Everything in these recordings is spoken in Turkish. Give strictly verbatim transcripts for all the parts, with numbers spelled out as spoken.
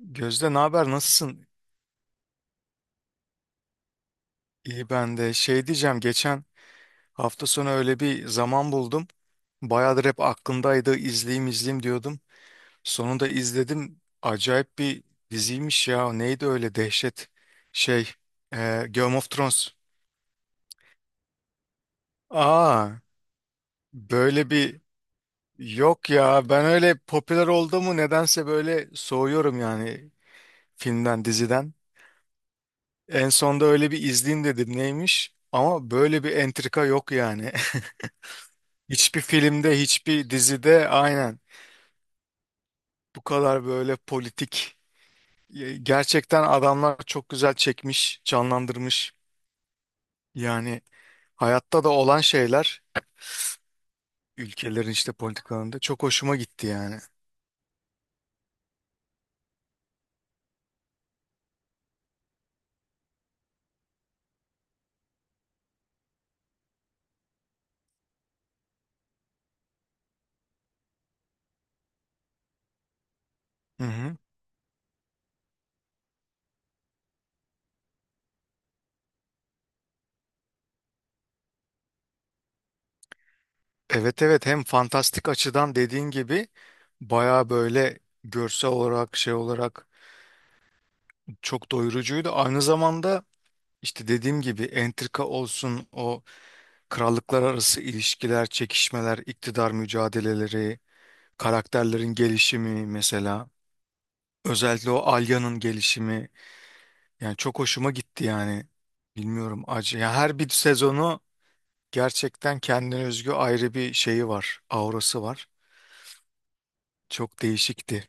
Gözde, ne haber, nasılsın? İyi, ben de şey diyeceğim, geçen hafta sonu öyle bir zaman buldum. Bayağıdır hep aklımdaydı, izleyeyim izleyeyim diyordum. Sonunda izledim. Acayip bir diziymiş ya. Neydi öyle dehşet şey e, Game of Thrones. Aa, böyle bir yok ya, ben öyle popüler oldu mu nedense böyle soğuyorum yani, filmden diziden. En sonda öyle bir izleyeyim dedim, neymiş, ama böyle bir entrika yok yani. Hiçbir filmde, hiçbir dizide aynen bu kadar böyle politik. E, Gerçekten adamlar çok güzel çekmiş, canlandırmış. Yani hayatta da olan şeyler, ülkelerin işte politikalarında, çok hoşuma gitti yani. Hı hı. Evet evet, hem fantastik açıdan dediğin gibi baya böyle görsel olarak şey olarak çok doyurucuydu. Aynı zamanda işte dediğim gibi entrika olsun, o krallıklar arası ilişkiler, çekişmeler, iktidar mücadeleleri, karakterlerin gelişimi mesela. Özellikle o Alya'nın gelişimi. Yani çok hoşuma gitti yani. Bilmiyorum acı ya, her bir sezonu gerçekten kendine özgü ayrı bir şeyi var. Aurası var. Çok değişikti.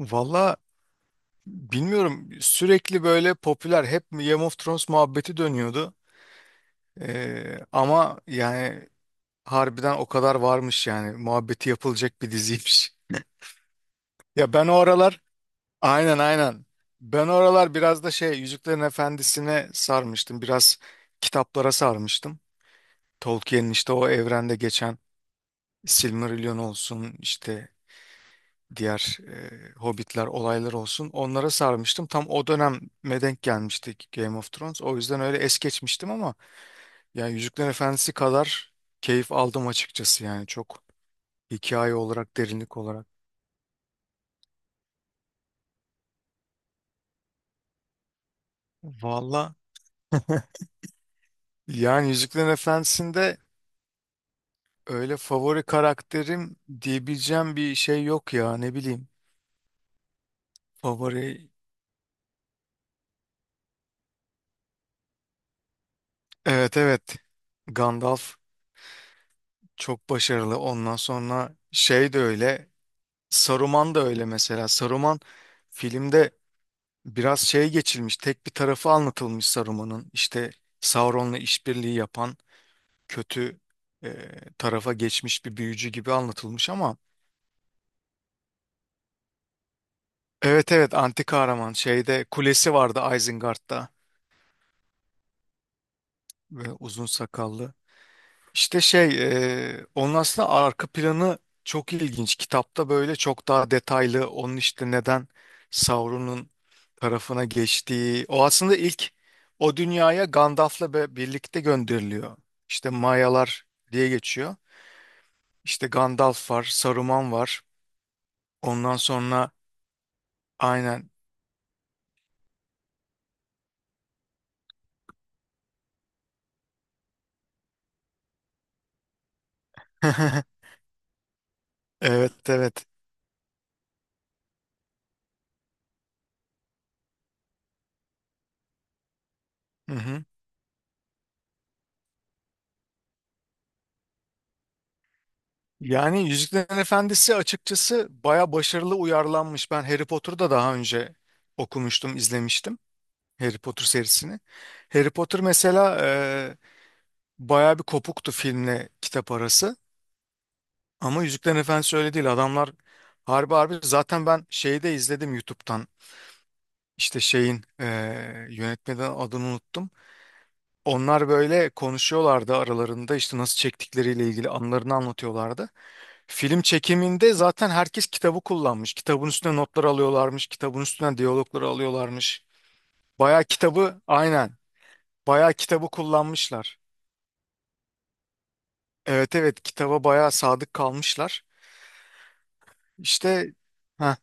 Valla bilmiyorum, sürekli böyle popüler, hep Game of Thrones muhabbeti dönüyordu. Ee, ama yani harbiden o kadar varmış yani. Muhabbeti yapılacak bir diziymiş. Ya ben o aralar, aynen aynen, ben oralar biraz da şey Yüzüklerin Efendisi'ne sarmıştım. Biraz kitaplara sarmıştım. Tolkien'in işte o evrende geçen, Silmarillion olsun, işte diğer e, Hobbitler olaylar olsun, onlara sarmıştım. Tam o döneme denk gelmiştik Game of Thrones. O yüzden öyle es geçmiştim, ama yani Yüzüklerin Efendisi kadar keyif aldım açıkçası yani, çok hikaye olarak, derinlik olarak. Valla yani Yüzüklerin Efendisi'nde öyle favori karakterim diyebileceğim bir şey yok ya, ne bileyim. Favori, evet evet, Gandalf çok başarılı. Ondan sonra şey de öyle Saruman da öyle, mesela Saruman filmde biraz şey geçilmiş, tek bir tarafı anlatılmış Saruman'ın, işte Sauron'la işbirliği yapan kötü e, tarafa geçmiş bir büyücü gibi anlatılmış. Ama evet evet, anti kahraman, şeyde kulesi vardı, Isengard'da, ve uzun sakallı. İşte şey, e, onun aslında arka planı çok ilginç. Kitapta böyle çok daha detaylı, onun işte neden Sauron'un tarafına geçtiği. O aslında ilk o dünyaya Gandalf'la be- birlikte gönderiliyor. İşte Mayalar diye geçiyor. İşte Gandalf var, Saruman var. Ondan sonra aynen. Evet, evet. Hı hı. Yani Yüzüklerin Efendisi açıkçası baya başarılı uyarlanmış. Ben Harry Potter'ı da daha önce okumuştum, izlemiştim. Harry Potter serisini. Harry Potter mesela e, bayağı bir kopuktu filmle kitap arası. Ama Yüzüklerin Efendisi öyle değil. Adamlar harbi harbi, zaten ben şeyi de izledim YouTube'dan. İşte şeyin e, yönetmeden adını unuttum. Onlar böyle konuşuyorlardı aralarında, işte nasıl çektikleriyle ilgili anılarını anlatıyorlardı. Film çekiminde zaten herkes kitabı kullanmış. Kitabın üstüne notlar alıyorlarmış. Kitabın üstüne diyalogları alıyorlarmış. Bayağı kitabı aynen. Bayağı kitabı kullanmışlar. Evet evet, kitaba bayağı sadık kalmışlar. İşte ha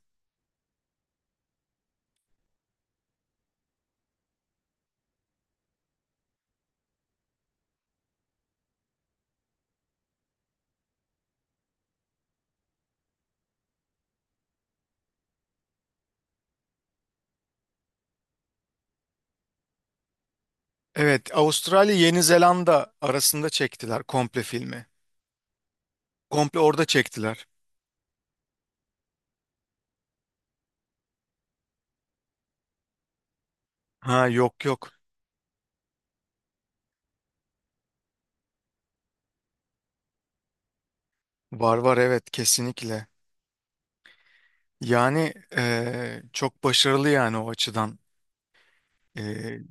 evet, Avustralya Yeni Zelanda arasında çektiler komple filmi. Komple orada çektiler. Ha yok yok. Var var, evet, kesinlikle. Yani eee, çok başarılı yani o açıdan. Eee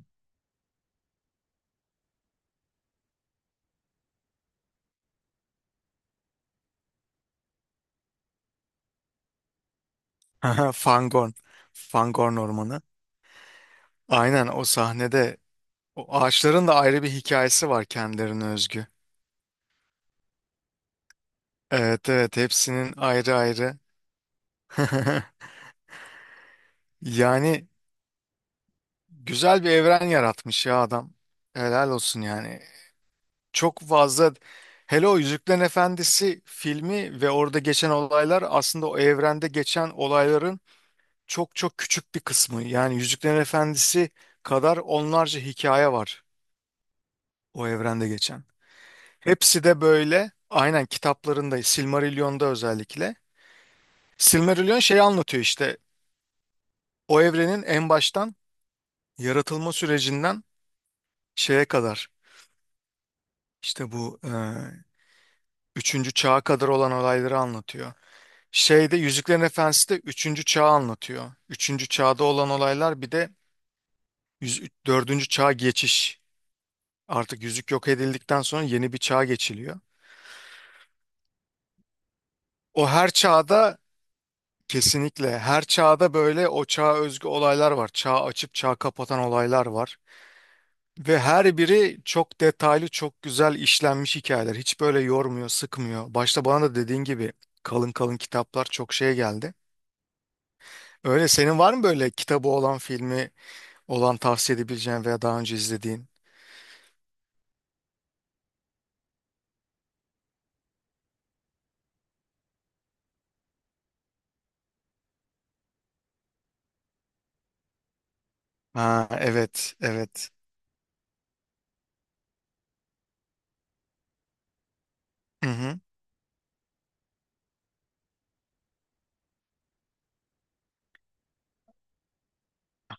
Fangorn. Fangorn Ormanı. Aynen o sahnede, o ağaçların da ayrı bir hikayesi var kendilerine özgü. Evet evet, hepsinin ayrı ayrı. Yani güzel bir evren yaratmış ya adam. Helal olsun yani. Çok fazla, hele o Yüzüklerin Efendisi filmi ve orada geçen olaylar aslında o evrende geçen olayların çok çok küçük bir kısmı. Yani Yüzüklerin Efendisi kadar onlarca hikaye var o evrende geçen. Hepsi de böyle aynen kitaplarında, Silmarillion'da özellikle. Silmarillion şeyi anlatıyor, işte o evrenin en baştan yaratılma sürecinden şeye kadar. İşte bu üçüncü çağa kadar olan olayları anlatıyor. Şeyde Yüzüklerin Efendisi de üçüncü çağı anlatıyor. Üçüncü çağda olan olaylar bir de yüz, dördüncü çağa geçiş. Artık yüzük yok edildikten sonra yeni bir çağa geçiliyor. O her çağda, kesinlikle her çağda böyle o çağa özgü olaylar var. Çağ açıp çağ kapatan olaylar var. Ve her biri çok detaylı, çok güzel işlenmiş hikayeler. Hiç böyle yormuyor, sıkmıyor. Başta bana da dediğin gibi kalın kalın kitaplar çok şeye geldi. Öyle senin var mı böyle kitabı olan, filmi olan tavsiye edebileceğin veya daha önce izlediğin? Ha evet evet. Hı hı.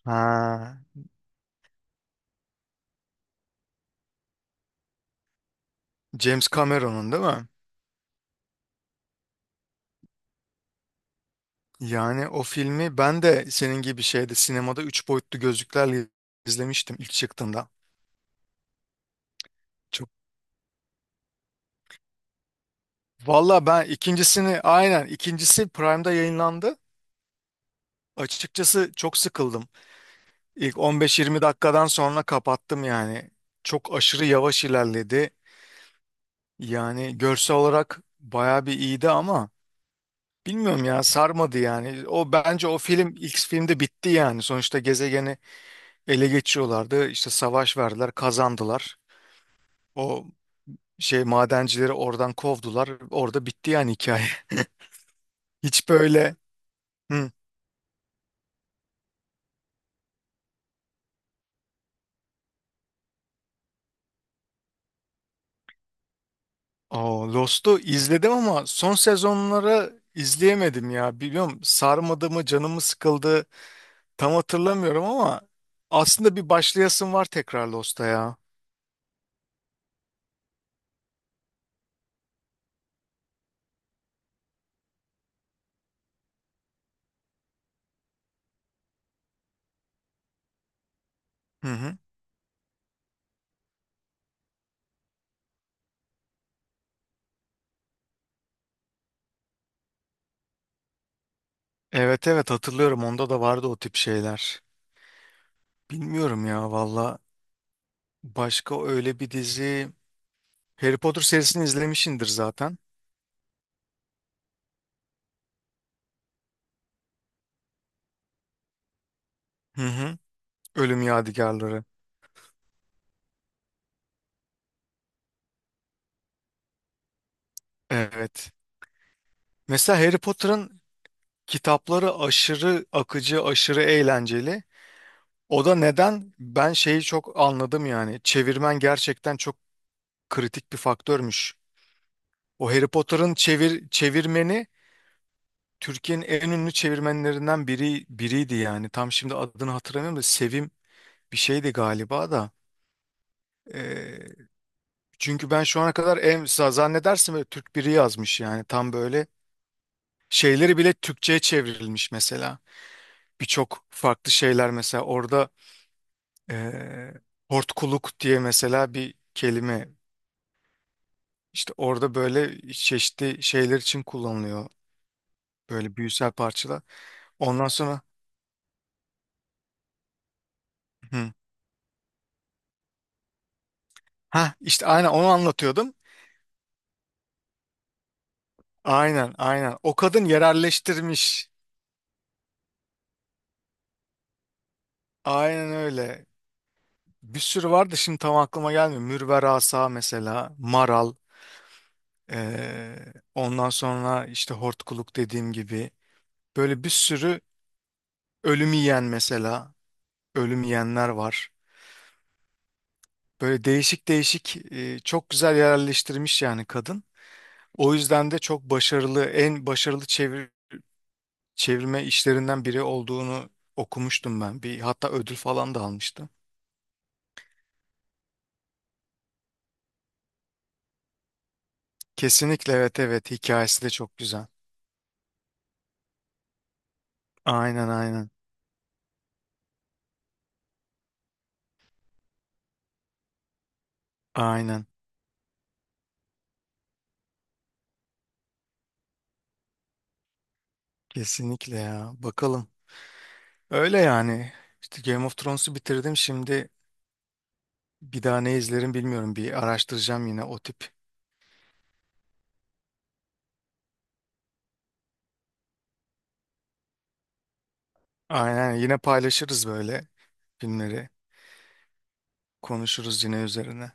Ha James Cameron'un değil mi? Yani o filmi ben de senin gibi şeyde, sinemada üç boyutlu gözlüklerle izlemiştim ilk çıktığında. Çok. Valla ben ikincisini, aynen ikincisi Prime'da yayınlandı. Açıkçası çok sıkıldım. İlk on beş yirmi dakikadan sonra kapattım yani. Çok aşırı yavaş ilerledi. Yani görsel olarak bayağı bir iyiydi, ama bilmiyorum ya, sarmadı yani. O bence o film ilk filmde bitti yani. Sonuçta gezegeni ele geçiriyorlardı. İşte savaş verdiler, kazandılar. O şey madencileri oradan kovdular. Orada bitti yani hikaye. Hiç böyle hı. O Lost'u izledim, ama son sezonları izleyemedim ya. Bilmiyorum sarmadı mı, canımı sıkıldı. Tam hatırlamıyorum ama aslında bir başlayasım var tekrar Lost'a ya. Hı hı. Evet evet, hatırlıyorum onda da vardı o tip şeyler. Bilmiyorum ya valla, başka öyle bir dizi, Harry Potter serisini izlemişindir zaten. Hı hı. Ölüm Yadigarları. Evet. Mesela Harry Potter'ın kitapları aşırı akıcı, aşırı eğlenceli. O da neden ben şeyi çok anladım yani. Çevirmen gerçekten çok kritik bir faktörmüş. O Harry Potter'ın çevir çevirmeni Türkiye'nin en ünlü çevirmenlerinden biri biriydi yani. Tam şimdi adını hatırlamıyorum da, Sevim bir şeydi galiba da. Ee, çünkü ben şu ana kadar en za- zannedersin böyle Türk biri yazmış yani, tam böyle şeyleri bile Türkçe'ye çevrilmiş mesela. Birçok farklı şeyler mesela orada, ee, hortkuluk diye mesela bir kelime işte orada böyle çeşitli şeyler için kullanılıyor, böyle büyüsel parçalar. Ondan sonra hı. Ha işte aynen onu anlatıyordum. Aynen aynen, o kadın yerelleştirmiş. Aynen öyle. Bir sürü vardı, şimdi tam aklıma gelmiyor. Mürver Asa mesela, Maral, eee, ondan sonra işte Hortkuluk dediğim gibi. Böyle bir sürü ölüm yiyen mesela, ölüm yiyenler var. Böyle değişik değişik eee, çok güzel yerleştirmiş yani kadın. O yüzden de çok başarılı, en başarılı çevir, çevirme işlerinden biri olduğunu okumuştum ben. Bir hatta ödül falan da almıştı. Kesinlikle evet evet, hikayesi de çok güzel. Aynen aynen. Aynen. Kesinlikle ya. Bakalım. Öyle yani. İşte Game of Thrones'u bitirdim. Şimdi bir daha ne izlerim bilmiyorum. Bir araştıracağım yine o tip. Aynen, yine paylaşırız böyle filmleri. Konuşuruz yine üzerine.